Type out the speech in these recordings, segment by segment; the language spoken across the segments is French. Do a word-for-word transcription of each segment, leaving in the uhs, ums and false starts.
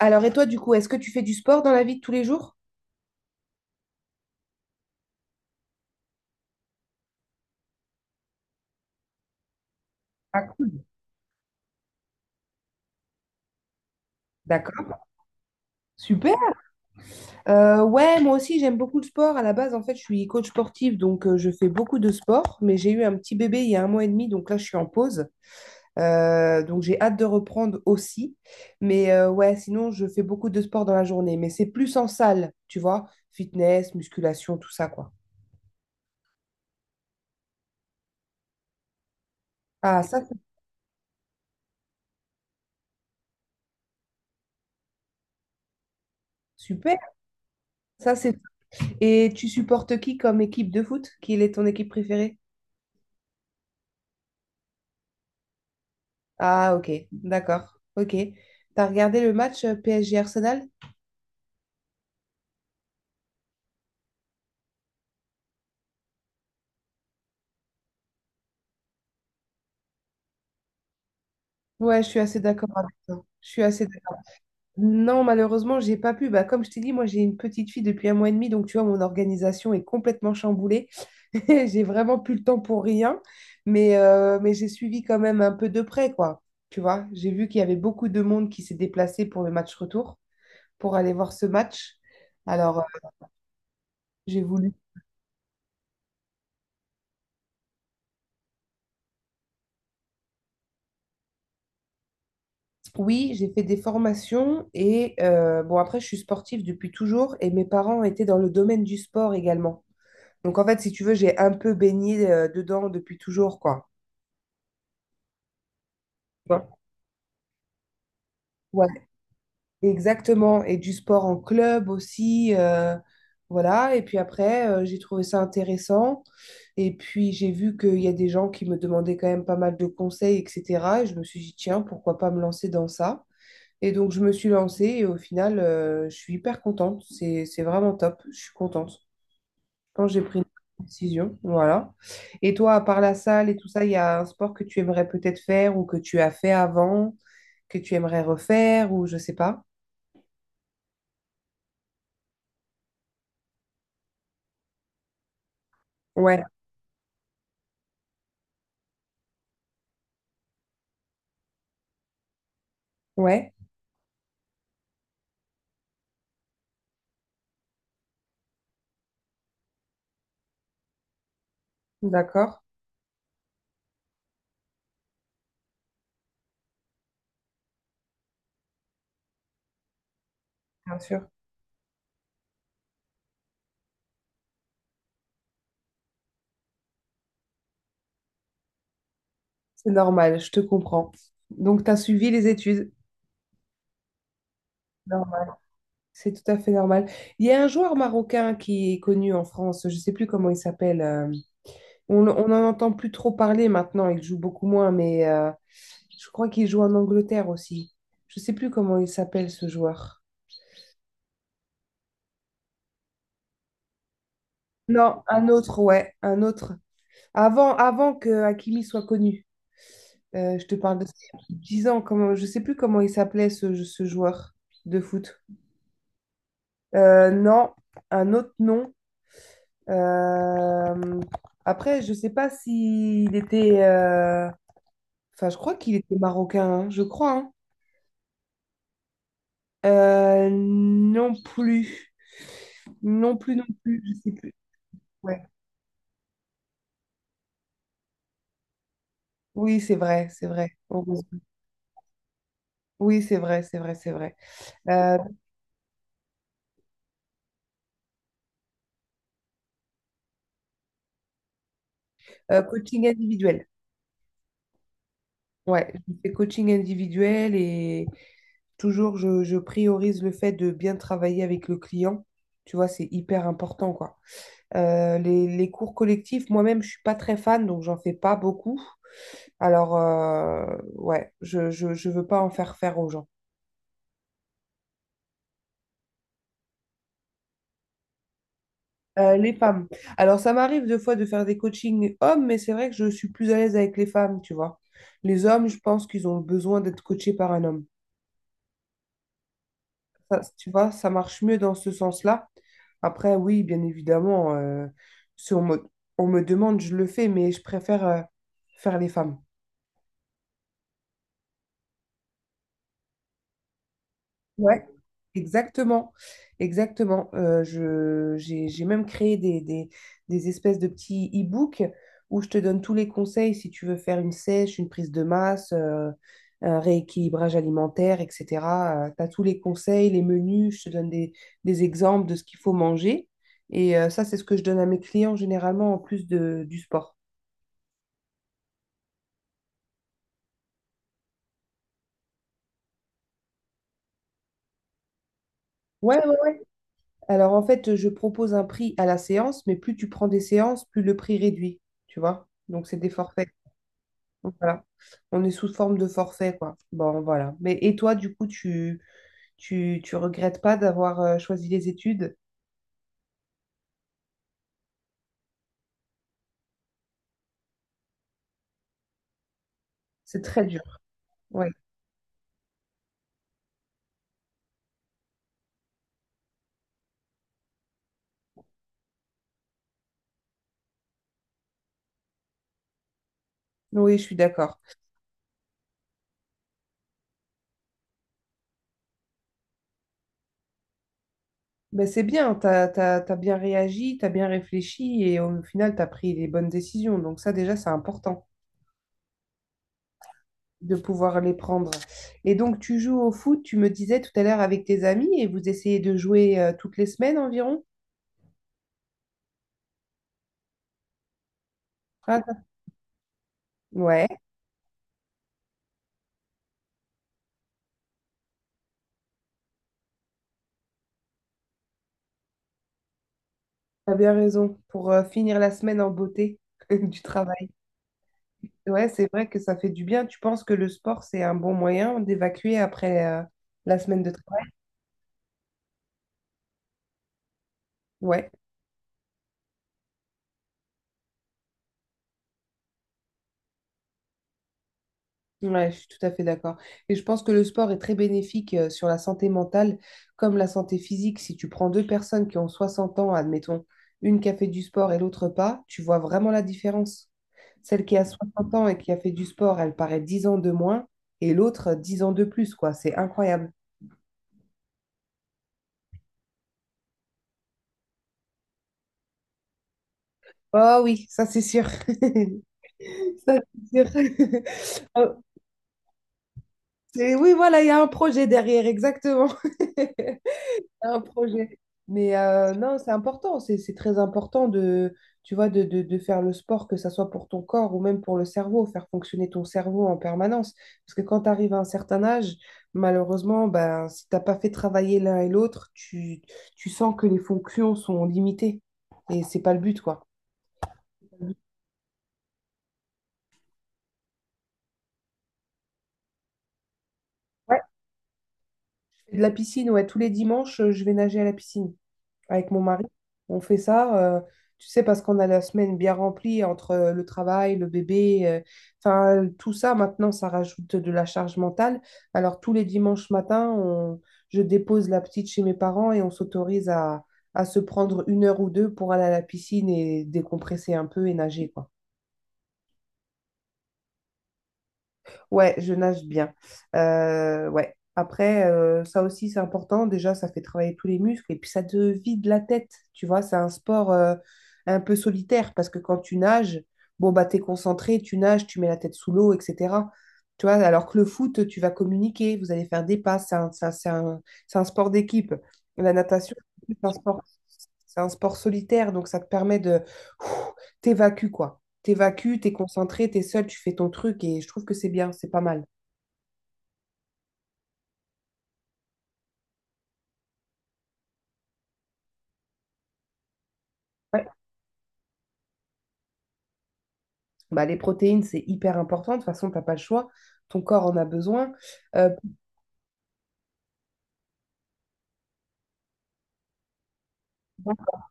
Alors, et toi, du coup, est-ce que tu fais du sport dans la vie de tous les jours? Ah, cool. D'accord. Super. Euh, ouais, moi aussi, j'aime beaucoup le sport. À la base, en fait, je suis coach sportive donc euh, je fais beaucoup de sport. Mais j'ai eu un petit bébé il y a un mois et demi, donc là, je suis en pause. Euh, donc, j'ai hâte de reprendre aussi. Mais euh, ouais, sinon, je fais beaucoup de sport dans la journée. Mais c'est plus en salle, tu vois, fitness, musculation, tout ça, quoi. Ah, ça, c'est super. Ça, c'est. Et tu supportes qui comme équipe de foot? Quelle est ton équipe préférée? Ah, ok, d'accord. Ok. T'as regardé le match euh, P S G Arsenal? Ouais, je suis assez d'accord avec toi. Je suis assez d'accord. Non, malheureusement, j'ai pas pu. Bah, comme je t'ai dit, moi, j'ai une petite fille depuis un mois et demi, donc tu vois, mon organisation est complètement chamboulée. J'ai vraiment plus le temps pour rien, mais, euh, mais j'ai suivi quand même un peu de près, quoi. Tu vois, j'ai vu qu'il y avait beaucoup de monde qui s'est déplacé pour le match retour, pour aller voir ce match. Alors, euh, j'ai voulu Oui, j'ai fait des formations et euh, bon, après, je suis sportive depuis toujours et mes parents étaient dans le domaine du sport également. Donc, en fait, si tu veux, j'ai un peu baigné euh, dedans depuis toujours, quoi. Tu Ouais, exactement. Et du sport en club aussi. Euh, voilà. Et puis après, euh, j'ai trouvé ça intéressant. Et puis, j'ai vu qu'il y a des gens qui me demandaient quand même pas mal de conseils, et cetera. Et je me suis dit, tiens, pourquoi pas me lancer dans ça? Et donc, je me suis lancée et au final, euh, je suis hyper contente. C'est, c'est vraiment top. Je suis contente quand j'ai pris une décision. Voilà. Et toi, à part la salle et tout ça, il y a un sport que tu aimerais peut-être faire ou que tu as fait avant, que tu aimerais refaire ou je sais pas. Ouais, ouais, d'accord, bien sûr. C'est normal, je te comprends. Donc, tu as suivi les études. Normal. C'est tout à fait normal. Il y a un joueur marocain qui est connu en France, je sais plus comment il s'appelle. euh, On n'en entend plus trop parler maintenant, il joue beaucoup moins, mais euh, je crois qu'il joue en Angleterre aussi. Je sais plus comment il s'appelle ce joueur. Non, un autre, ouais, un autre. Avant, avant que Hakimi soit connu. Euh, je te parle de 10 ans, comment, je sais plus comment il s'appelait ce, ce joueur de foot. Euh, non, un autre nom. Euh, Après, je sais pas s'il était... euh, Enfin, je crois qu'il était marocain, hein, je crois. hein. Euh, non plus. Non plus, non plus, je sais plus. Ouais. Oui, c'est vrai, c'est vrai. Heureusement. Oui, c'est vrai, c'est vrai, c'est vrai. Euh, euh, Coaching individuel. Ouais, je fais coaching individuel et toujours je, je priorise le fait de bien travailler avec le client. Tu vois, c'est hyper important, quoi. Euh, les, les cours collectifs, moi-même, je suis pas très fan, donc j'en fais pas beaucoup. Alors, euh, ouais, je, je, je veux pas en faire faire aux gens. Euh, les femmes. Alors, ça m'arrive deux fois de faire des coachings hommes, mais c'est vrai que je suis plus à l'aise avec les femmes, tu vois. Les hommes, je pense qu'ils ont besoin d'être coachés par un homme. Ça, tu vois, ça marche mieux dans ce sens-là. Après, oui, bien évidemment, euh, si on me, on me demande, je le fais, mais je préfère euh, faire les femmes. Ouais. Exactement, exactement. Euh, je, j'ai, j'ai même créé des, des, des espèces de petits e-books où je te donne tous les conseils si tu veux faire une sèche, une prise de masse, euh, un rééquilibrage alimentaire, et cetera Tu as tous les conseils, les menus, je te donne des, des exemples de ce qu'il faut manger. Et euh, ça, c'est ce que je donne à mes clients généralement en plus de, du sport. Ouais, ouais. Alors en fait, je propose un prix à la séance, mais plus tu prends des séances, plus le prix réduit, tu vois. Donc c'est des forfaits. Donc, Voilà. On est sous forme de forfait, quoi. Bon, voilà. Mais et toi, du coup, tu tu, tu regrettes pas d'avoir euh, choisi les études? C'est très dur. Ouais. Oui, je suis d'accord. Ben, c'est bien, t'as, t'as, t'as bien réagi, t'as bien réfléchi et au final, t'as pris les bonnes décisions. Donc ça, déjà, c'est important de pouvoir les prendre. Et donc, tu joues au foot, tu me disais tout à l'heure avec tes amis et vous essayez de jouer euh, toutes les semaines environ? Ah, t'as- ouais, t'as bien raison pour euh, finir la semaine en beauté du travail. Ouais, c'est vrai que ça fait du bien. Tu penses que le sport, c'est un bon moyen d'évacuer après euh, la semaine de travail? Ouais, ouais, je suis tout à fait d'accord. Et je pense que le sport est très bénéfique euh, sur la santé mentale comme la santé physique. Si tu prends deux personnes qui ont soixante ans, admettons, une qui a fait du sport et l'autre pas, tu vois vraiment la différence. Celle qui a soixante ans et qui a fait du sport, elle paraît dix ans de moins et l'autre euh, 10 ans de plus, quoi. C'est incroyable. Oh oui, ça c'est sûr. Ça c'est sûr. Oh, C'est- oui, voilà, il y a un projet derrière, exactement. Il y a Un projet. Mais euh, non, c'est important, c'est c'est très important de, tu vois, de, de, de faire le sport, que ça soit pour ton corps ou même pour le cerveau, faire fonctionner ton cerveau en permanence. Parce que quand tu arrives à un certain âge, malheureusement, ben, si t'as pas fait travailler l'un et l'autre, tu, tu sens que les fonctions sont limitées. Et c'est pas le but, quoi. Ouais, je fais de la piscine, ouais, tous les dimanches, euh, je vais nager à la piscine. avec mon mari. On fait ça, euh, tu sais, parce qu'on a la semaine bien remplie entre euh, le travail, le bébé, euh, enfin, tout ça, maintenant, ça rajoute de la charge mentale. Alors, tous les dimanches matins, on- je dépose la petite chez mes parents et on s'autorise à, à se prendre une heure ou deux pour aller à la piscine et décompresser un peu et nager, quoi. Ouais, je nage bien. Euh, ouais. Après, euh, ça aussi, c'est important. Déjà, ça fait travailler tous les muscles et puis ça te vide la tête. Tu vois, c'est un sport euh, un peu solitaire parce que quand tu nages, bon, bah, t'es concentré, tu nages, tu mets la tête sous l'eau, et cetera. Tu vois, alors que le foot, tu vas communiquer, vous allez faire des passes. C'est un, c'est un- c'est un- c'est un sport d'équipe. La natation, c'est un sport, c'est un sport solitaire, donc ça te permet de ouf, t'évacuer, quoi t'évacues, t'es concentré, t'es seul, tu fais ton truc et je trouve que c'est bien, c'est pas mal. Ouais. Bah, les protéines, c'est hyper important. De toute façon, t'as pas le choix. Ton corps en a besoin. Euh,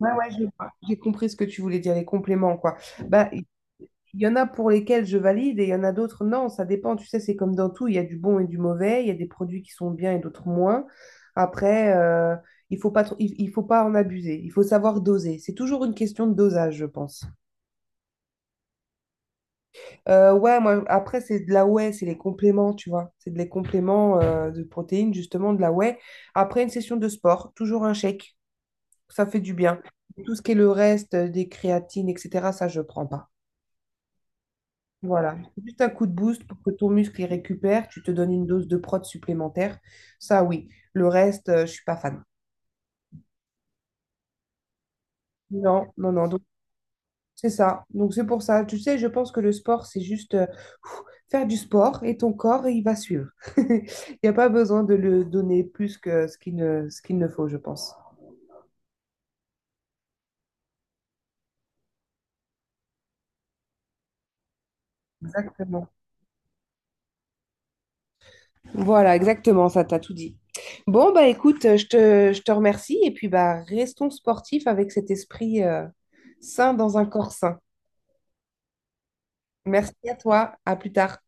ouais, ouais, j'ai j'ai compris ce que tu voulais dire, les compléments, quoi. Bah, il y en a pour lesquels je valide et il y en a d'autres, non, ça dépend. Tu sais, c'est comme dans tout, il y a du bon et du mauvais, il y a des produits qui sont bien et d'autres moins. Après, euh, il faut pas, trop- il, il faut pas en abuser, il faut savoir doser. C'est toujours une question de dosage, je pense. Euh, ouais, moi, après, c'est de la whey, c'est les compléments, tu vois. C'est des compléments euh, de protéines, justement, de la whey. Après une session de sport, toujours un shake, ça fait du bien. Tout ce qui est le reste, euh, des créatines, et cetera, ça, je prends pas. Voilà. Juste un coup de boost pour que ton muscle il récupère, tu te donnes une dose de prot supplémentaire. Ça, oui. Le reste, euh, je suis pas fan. Non, non, non. Donc, c'est ça. Donc, c'est pour ça. Tu sais, je pense que le sport, c'est juste. euh, faire du sport et ton corps, il va suivre. Il n'y a pas besoin de le donner plus que ce qu'il ne, ce qu'il ne faut, je pense. Exactement. Voilà, exactement, ça t'a tout dit. Bon, bah écoute, je te, je te remercie et puis bah restons sportifs avec cet esprit euh, sain dans un corps sain. Merci à toi, à plus tard.